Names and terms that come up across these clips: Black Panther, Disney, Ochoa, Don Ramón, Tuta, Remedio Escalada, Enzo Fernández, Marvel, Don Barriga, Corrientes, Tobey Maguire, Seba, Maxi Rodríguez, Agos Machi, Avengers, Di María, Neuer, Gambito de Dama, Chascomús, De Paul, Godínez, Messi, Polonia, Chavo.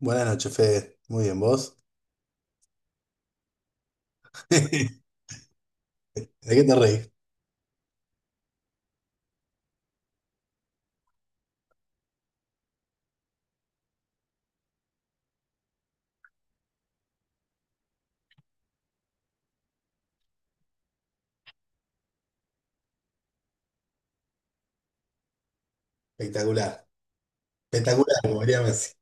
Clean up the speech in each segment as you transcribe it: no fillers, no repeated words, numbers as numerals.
Buenas noches, Fede. Muy bien, ¿vos? ¿De qué te reís? Espectacular. Espectacular, como diría Messi.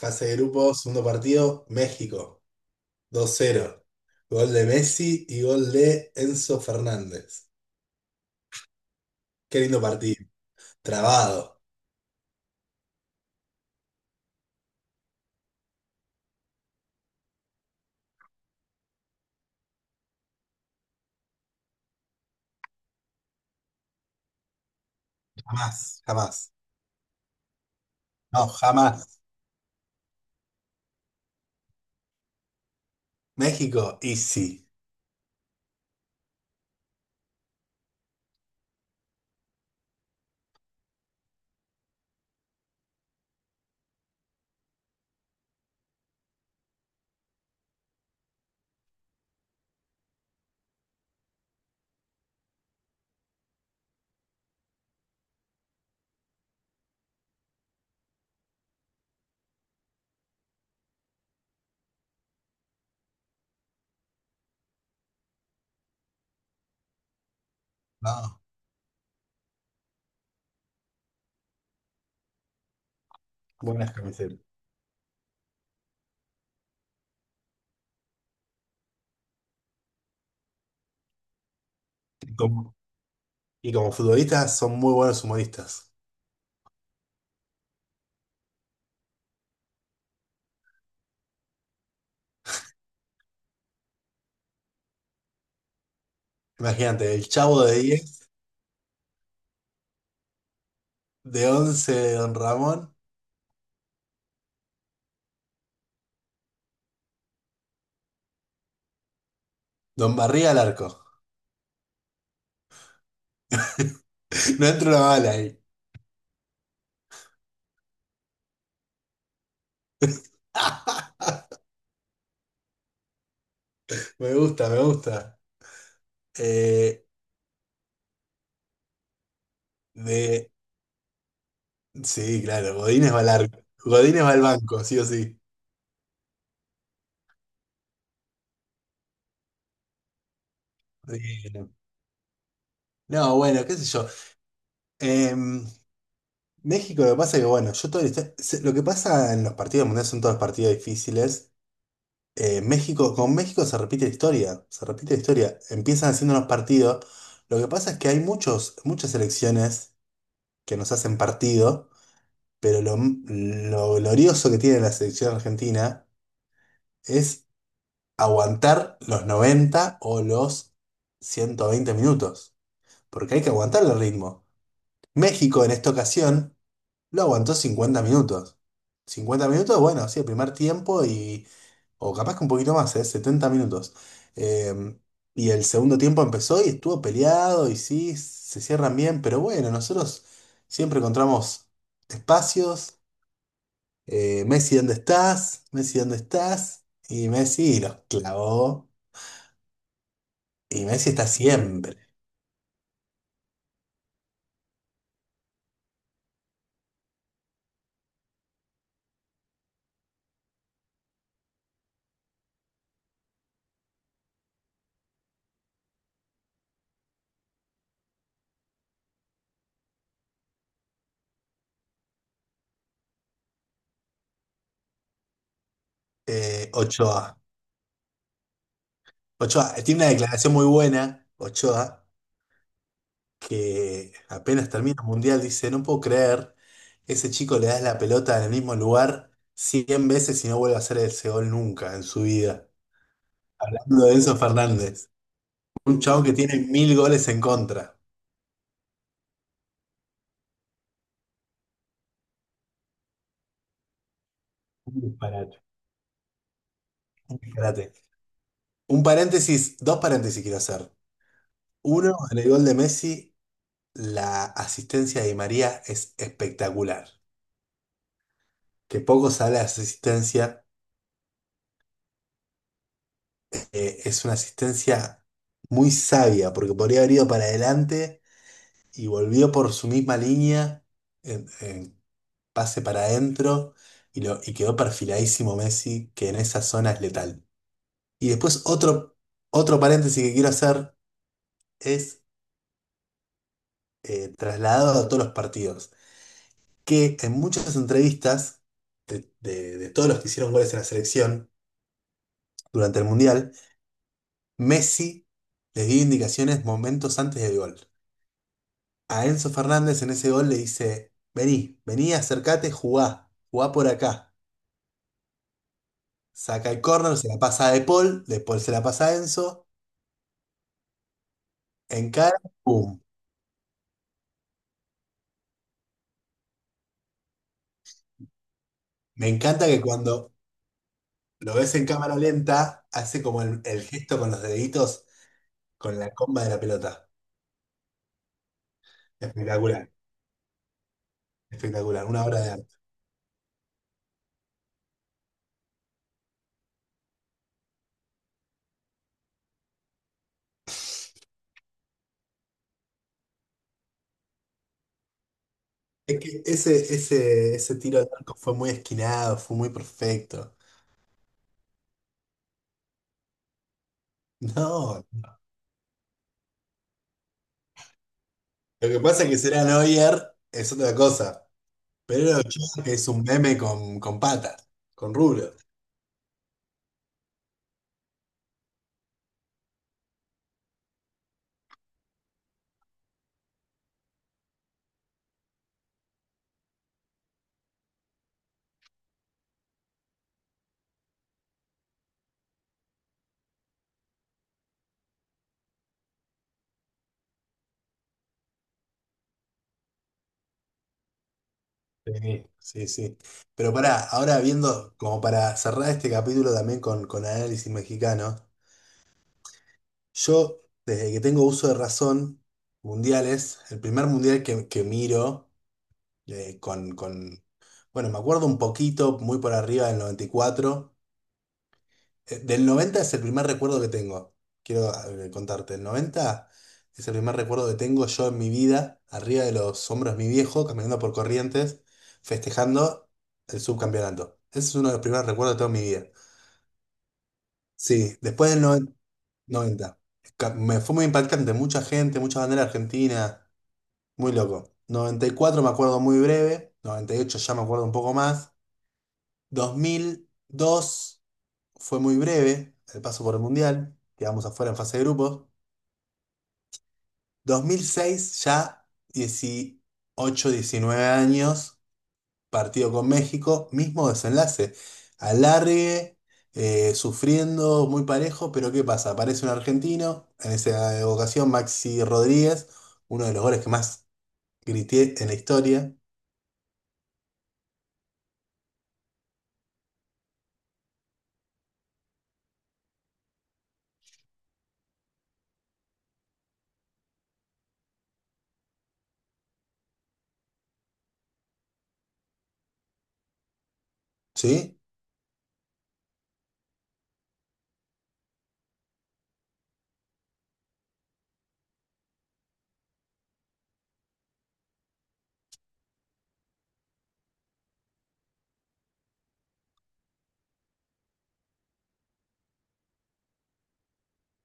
Fase de grupo, segundo partido, México. 2-0. Gol de Messi y gol de Enzo Fernández. Qué lindo partido. Trabado. Jamás, jamás. No, jamás. México, easy. No, buenas camisetas. Y como, y como futbolistas son muy buenos humoristas. Imagínate, el Chavo de 10, de 11, de Don Ramón, Don Barriga al arco. No entra una bala ahí. Me gusta, me gusta. Eh, de... Sí, claro, Godínez va largo. Godínez va al banco, sí o sí. Bueno. No, bueno, qué sé yo. Em, México, lo que pasa es que, bueno, yo todo el este- se- lo que pasa en los partidos mundiales son todos partidos difíciles. México, con México se repite la historia, se repite la historia. Empiezan haciendo los partidos. Lo que pasa es que hay muchas selecciones que nos hacen partido. Pero lo glorioso que tiene la selección argentina es aguantar los 90 o los 120 minutos, porque hay que aguantar el ritmo. México en esta ocasión lo aguantó 50 minutos. 50 minutos, bueno, sí, el primer tiempo y, o capaz que un poquito más, ¿eh? 70 minutos. Eh, y el segundo tiempo empezó y estuvo peleado y sí, se cierran bien, pero bueno, nosotros siempre encontramos espacios. Messi, ¿dónde estás? Messi, ¿dónde estás? Y Messi los clavó. Y Messi está siempre. Ochoa. Ochoa tiene una declaración muy buena, Ochoa, que apenas termina el mundial dice, no puedo creer, ese chico le das la pelota en el mismo lugar 100 veces y no vuelve a hacer ese gol nunca en su vida. Hablando de Enzo Fernández, un chavo que tiene 1000 goles en contra. Un disparate. Un disparate. Un paréntesis, dos paréntesis quiero hacer. Uno, en el gol de Messi, la asistencia de Di María es espectacular. Que poco sale la asistencia, es una asistencia muy sabia, porque podría haber ido para adelante y volvió por su misma línea, en pase para adentro, y, y quedó perfiladísimo Messi, que en esa zona es letal. Y después otro paréntesis que quiero hacer es trasladado a todos los partidos. Que en muchas entrevistas de todos los que hicieron goles en la selección durante el Mundial, Messi les dio indicaciones momentos antes del gol. A Enzo Fernández en ese gol le dice, vení, vení, acercate, jugá, jugá por acá. Saca el córner, se la pasa a De Paul, De Paul se la pasa a Enzo, encara, ¡pum! Me encanta que cuando lo ves en cámara lenta, hace como el gesto con los deditos, con la comba de la pelota. Espectacular, espectacular, una obra de arte. Es que ese tiro al arco fue muy esquinado, fue muy perfecto. No, lo que pasa es que será Neuer es otra cosa. Pero era Ochoa que es un meme con patas, con rubro. Sí, sí, sí. Pero pará, ahora viendo, como para cerrar este capítulo también con análisis mexicano, yo, desde que tengo uso de razón, mundiales, el primer mundial que miro, eh, con, con, bueno, me acuerdo un poquito, muy por arriba del noventa y cuatro. Del 90 es el primer recuerdo que tengo. Quiero contarte. El 90 es el primer recuerdo que tengo yo en mi vida, arriba de los hombros de mi viejo, caminando por Corrientes, festejando el subcampeonato. Ese es uno de los primeros recuerdos de toda mi vida. Sí, después del 90. Me fue muy impactante. Mucha gente, mucha bandera argentina. Muy loco. Noventa y cuatro me acuerdo muy breve. Noventa y ocho ya me acuerdo un poco más. 2002. Fue muy breve el paso por el Mundial, quedamos afuera en fase de grupos. 2006, ya 18, 19 años, partido con México, mismo desenlace. Alargue, sufriendo, muy parejo, pero ¿qué pasa? Aparece un argentino, en esa ocasión Maxi Rodríguez, uno de los goles que más grité en la historia, ¿sí?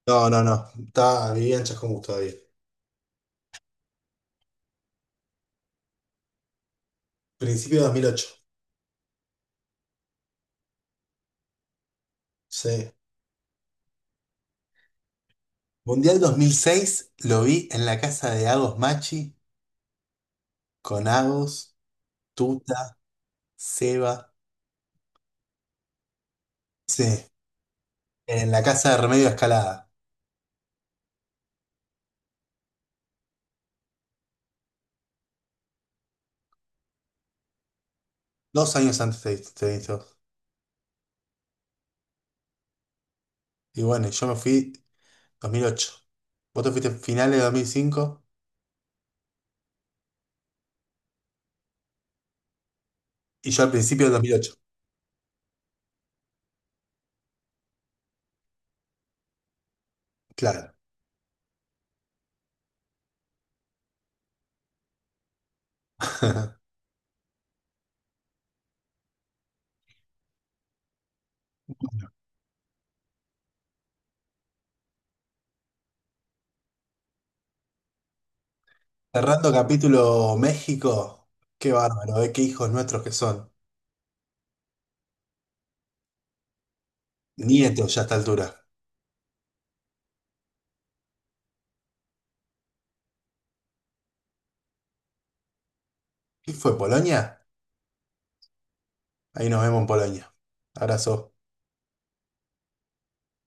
No, no, no, estaba, vivía en Chascomús todavía. Principio de 2008, sí. Mundial 2006 lo vi en la casa de Agos Machi con Agos, Tuta, Seba. Sí, en la casa de Remedio Escalada. Dos años antes de esto. Y bueno, yo me fui 2008. Vos te fuiste finales de 2005 y yo al principio de 2008. Claro. Cerrando capítulo México. Qué bárbaro, ¿eh? Qué hijos nuestros que son. Nietos ya a esta altura. ¿Qué fue, Polonia? Ahí nos vemos en Polonia. Abrazo.